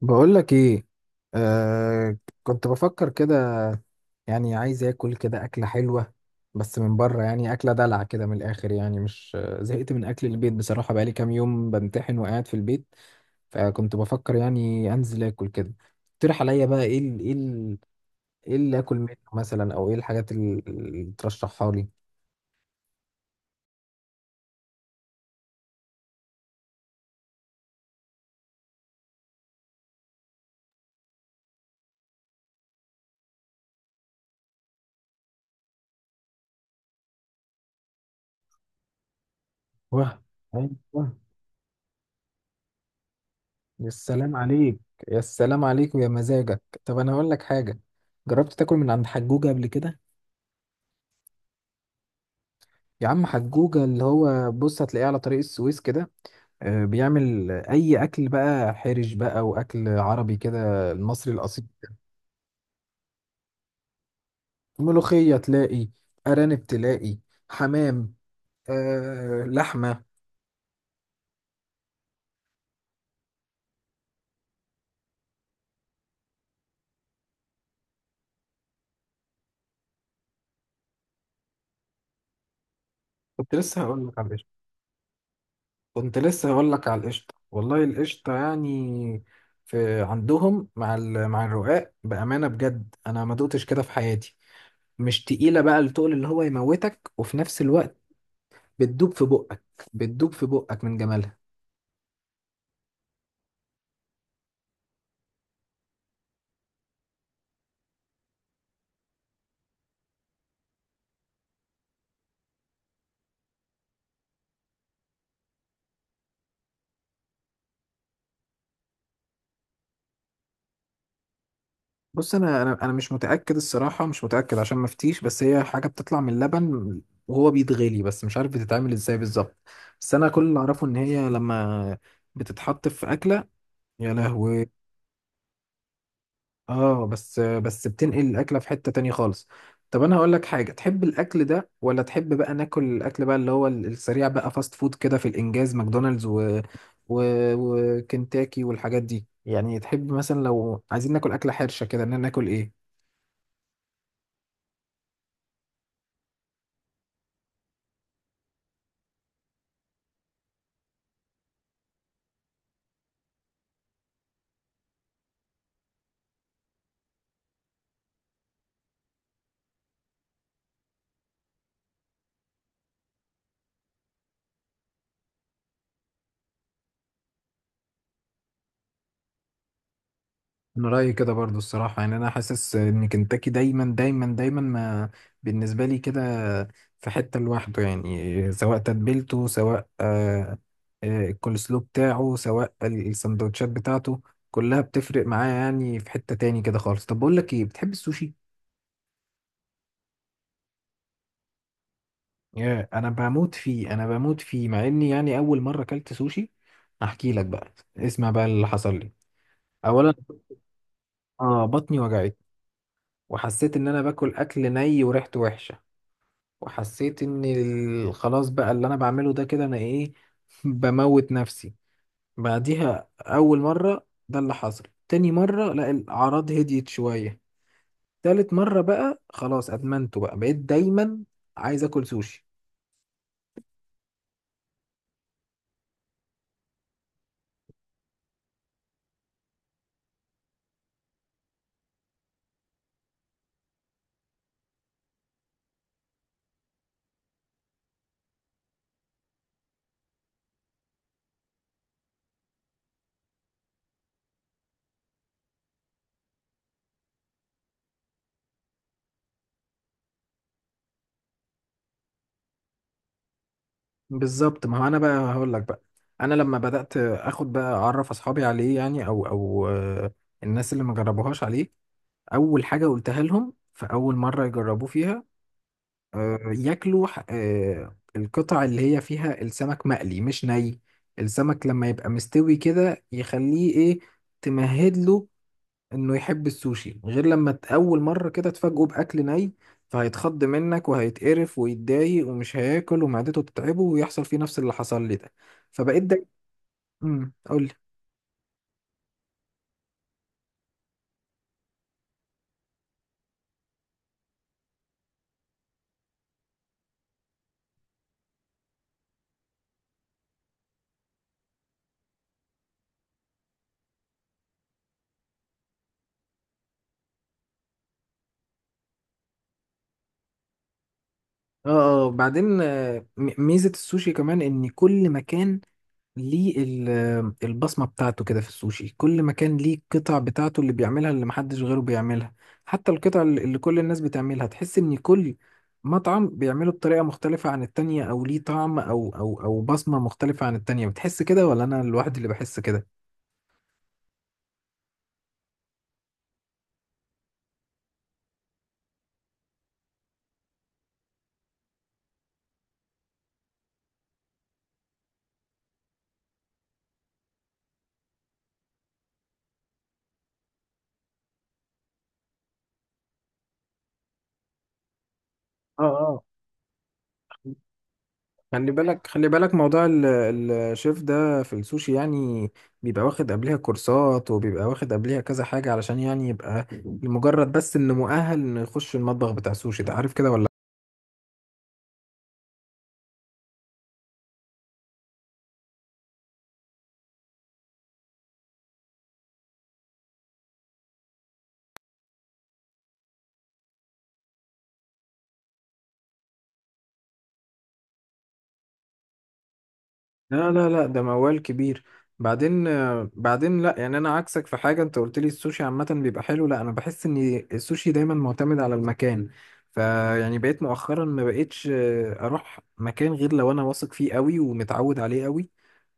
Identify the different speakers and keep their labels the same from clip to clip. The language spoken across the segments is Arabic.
Speaker 1: بقول لك ايه؟ آه، كنت بفكر كده. يعني عايز اكل كده اكله حلوه بس من بره، يعني اكله دلع كده من الاخر. يعني مش زهقت من اكل البيت بصراحه، بقالي كام يوم بمتحن وقاعد في البيت. فكنت بفكر يعني انزل اكل كده. اقترح عليا بقى ايه اللي اكل منه مثلا، او ايه الحاجات اللي ترشحها لي. واه، ايوه. يا سلام عليك. يا سلام عليك ويا مزاجك. طب انا اقول لك حاجه، جربت تاكل من عند حجوجه قبل كده؟ يا عم، حجوجة اللي هو، بص، هتلاقيه على طريق السويس كده. آه، بيعمل أي أكل بقى، حرش بقى وأكل عربي كده، المصري الأصيل. ملوخية تلاقي، أرانب تلاقي، حمام، آه لحمة. كنت لسه هقول لك على القشطة. كنت لسه هقول لك على القشطة، والله القشطة يعني في عندهم مع مع الرقاق، بأمانة بجد، أنا ما دقتش كده في حياتي. مش تقيلة بقى التقل اللي هو يموتك، وفي نفس الوقت بتدوب في بقك. بتدوب في بقك من جمالها. بص انا مش متاكد الصراحه، مش متاكد عشان ما افتيش، بس هي حاجه بتطلع من اللبن وهو بيتغلي، بس مش عارف بتتعمل ازاي بالظبط. بس انا كل اللي اعرفه ان هي لما بتتحط في اكله، يا لهوي. اه، بس بتنقل الاكله في حته تانية خالص. طب انا هقول لك حاجه، تحب الاكل ده ولا تحب بقى ناكل الاكل بقى اللي هو السريع بقى، فاست فود كده، في الانجاز، ماكدونالدز و... وكنتاكي والحاجات دي؟ يعني تحب مثلا لو عايزين ناكل اكله حرشه كده، ان ناكل ايه؟ انا رايي كده برضو الصراحه، يعني انا حاسس ان كنتاكي دايما دايما دايما، ما بالنسبه لي كده، في حته لوحده. يعني سواء تتبيلته، سواء الكولسلو بتاعه، سواء السندوتشات بتاعته، كلها بتفرق معايا، يعني في حته تاني كده خالص. طب بقول لك ايه، بتحب السوشي؟ يا انا بموت فيه، انا بموت فيه، مع اني يعني اول مره اكلت سوشي، احكي لك بقى، اسمع بقى اللي حصل لي. اولا، اه، بطني وجعت، وحسيت ان انا باكل اكل ني وريحته وحشه، وحسيت ان خلاص بقى، اللي انا بعمله ده كده انا ايه، بموت نفسي. بعديها اول مرة ده اللي حصل. تاني مرة، لا، الاعراض هديت شوية. تالت مرة بقى خلاص، ادمنته بقى، بقيت دايما عايز اكل سوشي. بالظبط، ما هو انا بقى هقول لك بقى، انا لما بدأت اخد بقى اعرف اصحابي عليه، يعني او الناس اللي ما جربوهاش عليه، اول حاجة قلتها لهم في اول مرة يجربوه فيها، ياكلوا القطع اللي هي فيها السمك مقلي مش ني. السمك لما يبقى مستوي كده يخليه ايه، تمهد له انه يحب السوشي، غير لما اول مرة كده تفاجئه باكل ني، فهيتخض منك وهيتقرف ويتضايق ومش هياكل ومعدته تتعبه، ويحصل فيه نفس اللي حصل لي ده. فبقيت ده، قول لي. اه، بعدين ميزة السوشي كمان ان كل مكان ليه البصمة بتاعته كده. في السوشي كل مكان ليه القطع بتاعته اللي بيعملها، اللي محدش غيره بيعملها. حتى القطع اللي كل الناس بتعملها، تحس ان كل مطعم بيعمله بطريقة مختلفة عن التانية، او ليه طعم او بصمة مختلفة عن التانية. بتحس كده، ولا انا الواحد اللي بحس كده؟ اه، اه، خلي بالك، خلي بالك موضوع الشيف ده في السوشي يعني، بيبقى واخد قبلها كورسات، وبيبقى واخد قبلها كذا حاجة، علشان يعني يبقى لمجرد بس انه مؤهل انه يخش المطبخ بتاع السوشي ده، عارف كده ولا؟ لا لا لا، ده موال كبير. بعدين بعدين، لا يعني انا عكسك في حاجه، انت قلت لي السوشي عامه بيبقى حلو، لا، انا بحس ان السوشي دايما معتمد على المكان. فيعني بقيت مؤخرا ما بقيتش اروح مكان غير لو انا واثق فيه قوي ومتعود عليه قوي،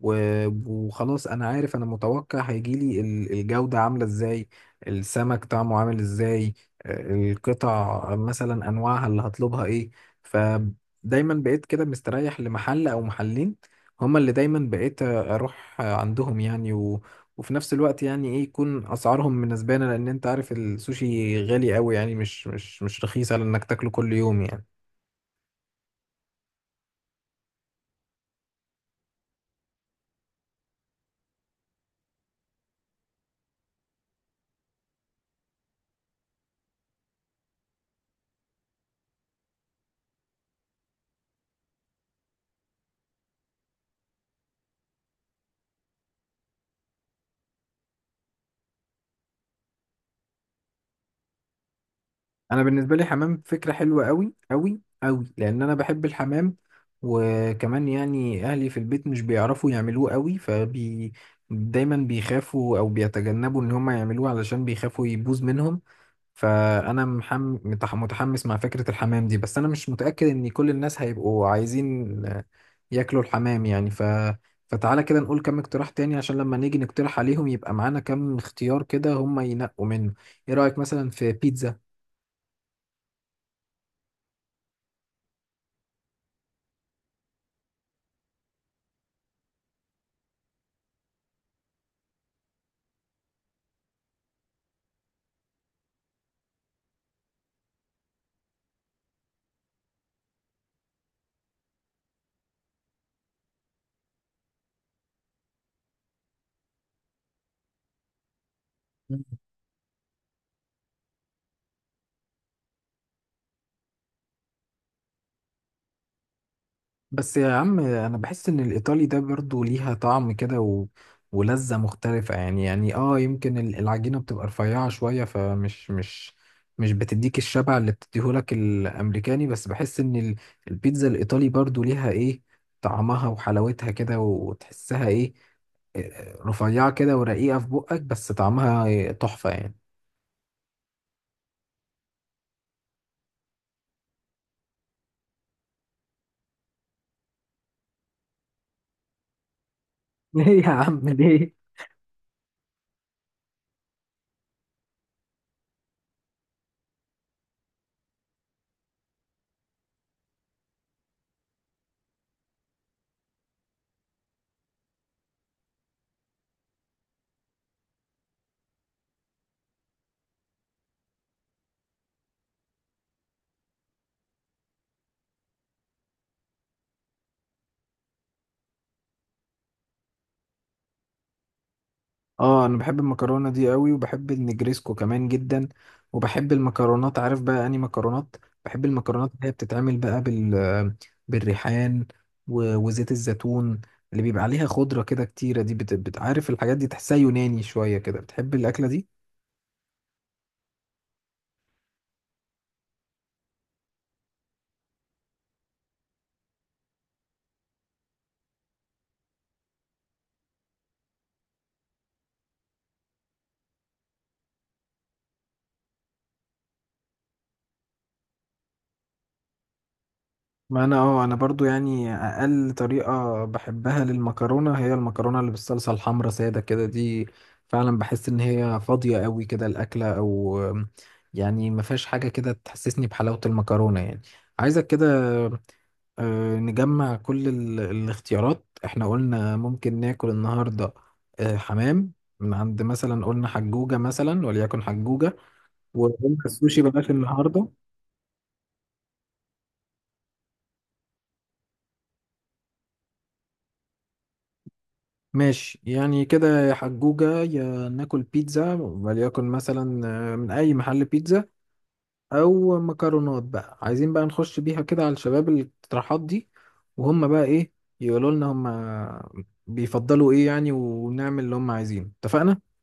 Speaker 1: وخلاص انا عارف، انا متوقع هيجيلي الجودة عاملة ازاي، السمك طعمه عامل ازاي، القطع مثلا انواعها اللي هطلبها ايه. فدايما بقيت كده مستريح لمحل او محلين، هما اللي دايما بقيت اروح عندهم يعني، وفي نفس الوقت يعني ايه، يكون اسعارهم مناسبانه، لان انت عارف السوشي غالي قوي، يعني مش رخيص على انك تاكله كل يوم يعني. انا بالنسبه لي حمام فكره حلوه قوي قوي قوي، لان انا بحب الحمام. وكمان يعني اهلي في البيت مش بيعرفوا يعملوه قوي، فبي دايما بيخافوا او بيتجنبوا ان هم يعملوه، علشان بيخافوا يبوظ منهم. فانا متحمس مع فكره الحمام دي، بس انا مش متاكد ان كل الناس هيبقوا عايزين ياكلوا الحمام يعني. فتعالى كده نقول كم اقتراح تاني، عشان لما نيجي نقترح عليهم يبقى معانا كم اختيار كده هم ينقوا منه. ايه رايك مثلا في بيتزا؟ بس يا عم، انا بحس ان الايطالي ده برضو ليها طعم كده، ولذة مختلفة يعني. يعني اه، يمكن العجينة بتبقى رفيعة شوية، فمش مش مش بتديك الشبع اللي بتديهولك الامريكاني، بس بحس ان البيتزا الايطالي برضو ليها ايه، طعمها وحلاوتها كده، وتحسها ايه رفيعة كده ورقيقة في بقك، بس طعمها إيه، تحفة يعني. ليه يا عم ليه. اه، انا بحب المكرونه دي قوي، وبحب النجريسكو كمان جدا، وبحب المكرونات، عارف بقى اني مكرونات، بحب المكرونات اللي هي بتتعمل بقى بالريحان وزيت الزيتون، اللي بيبقى عليها خضره كده كتيره دي، عارف الحاجات دي تحسها يوناني شويه كده، بتحب الاكله دي. ما انا اه، انا برضو يعني اقل طريقة بحبها للمكرونة هي المكرونة اللي بالصلصة الحمرا سادة كده دي، فعلا بحس ان هي فاضية قوي كده الاكلة. او يعني ما فيهاش حاجة كده تحسسني بحلاوة المكرونة يعني. عايزك كده نجمع كل الاختيارات احنا قلنا ممكن ناكل النهاردة. حمام من عند مثلا قلنا حجوجة، مثلا وليكن حجوجة. وقلنا السوشي بلاش النهاردة. ماشي، يعني كده يا حجوجة يا ناكل بيتزا، وليكن مثلا من أي محل بيتزا، أو مكرونات بقى. عايزين بقى نخش بيها كده على الشباب الاقتراحات دي، وهم بقى إيه يقولوا لنا، هم بيفضلوا إيه يعني، ونعمل اللي هم عايزينه. اتفقنا؟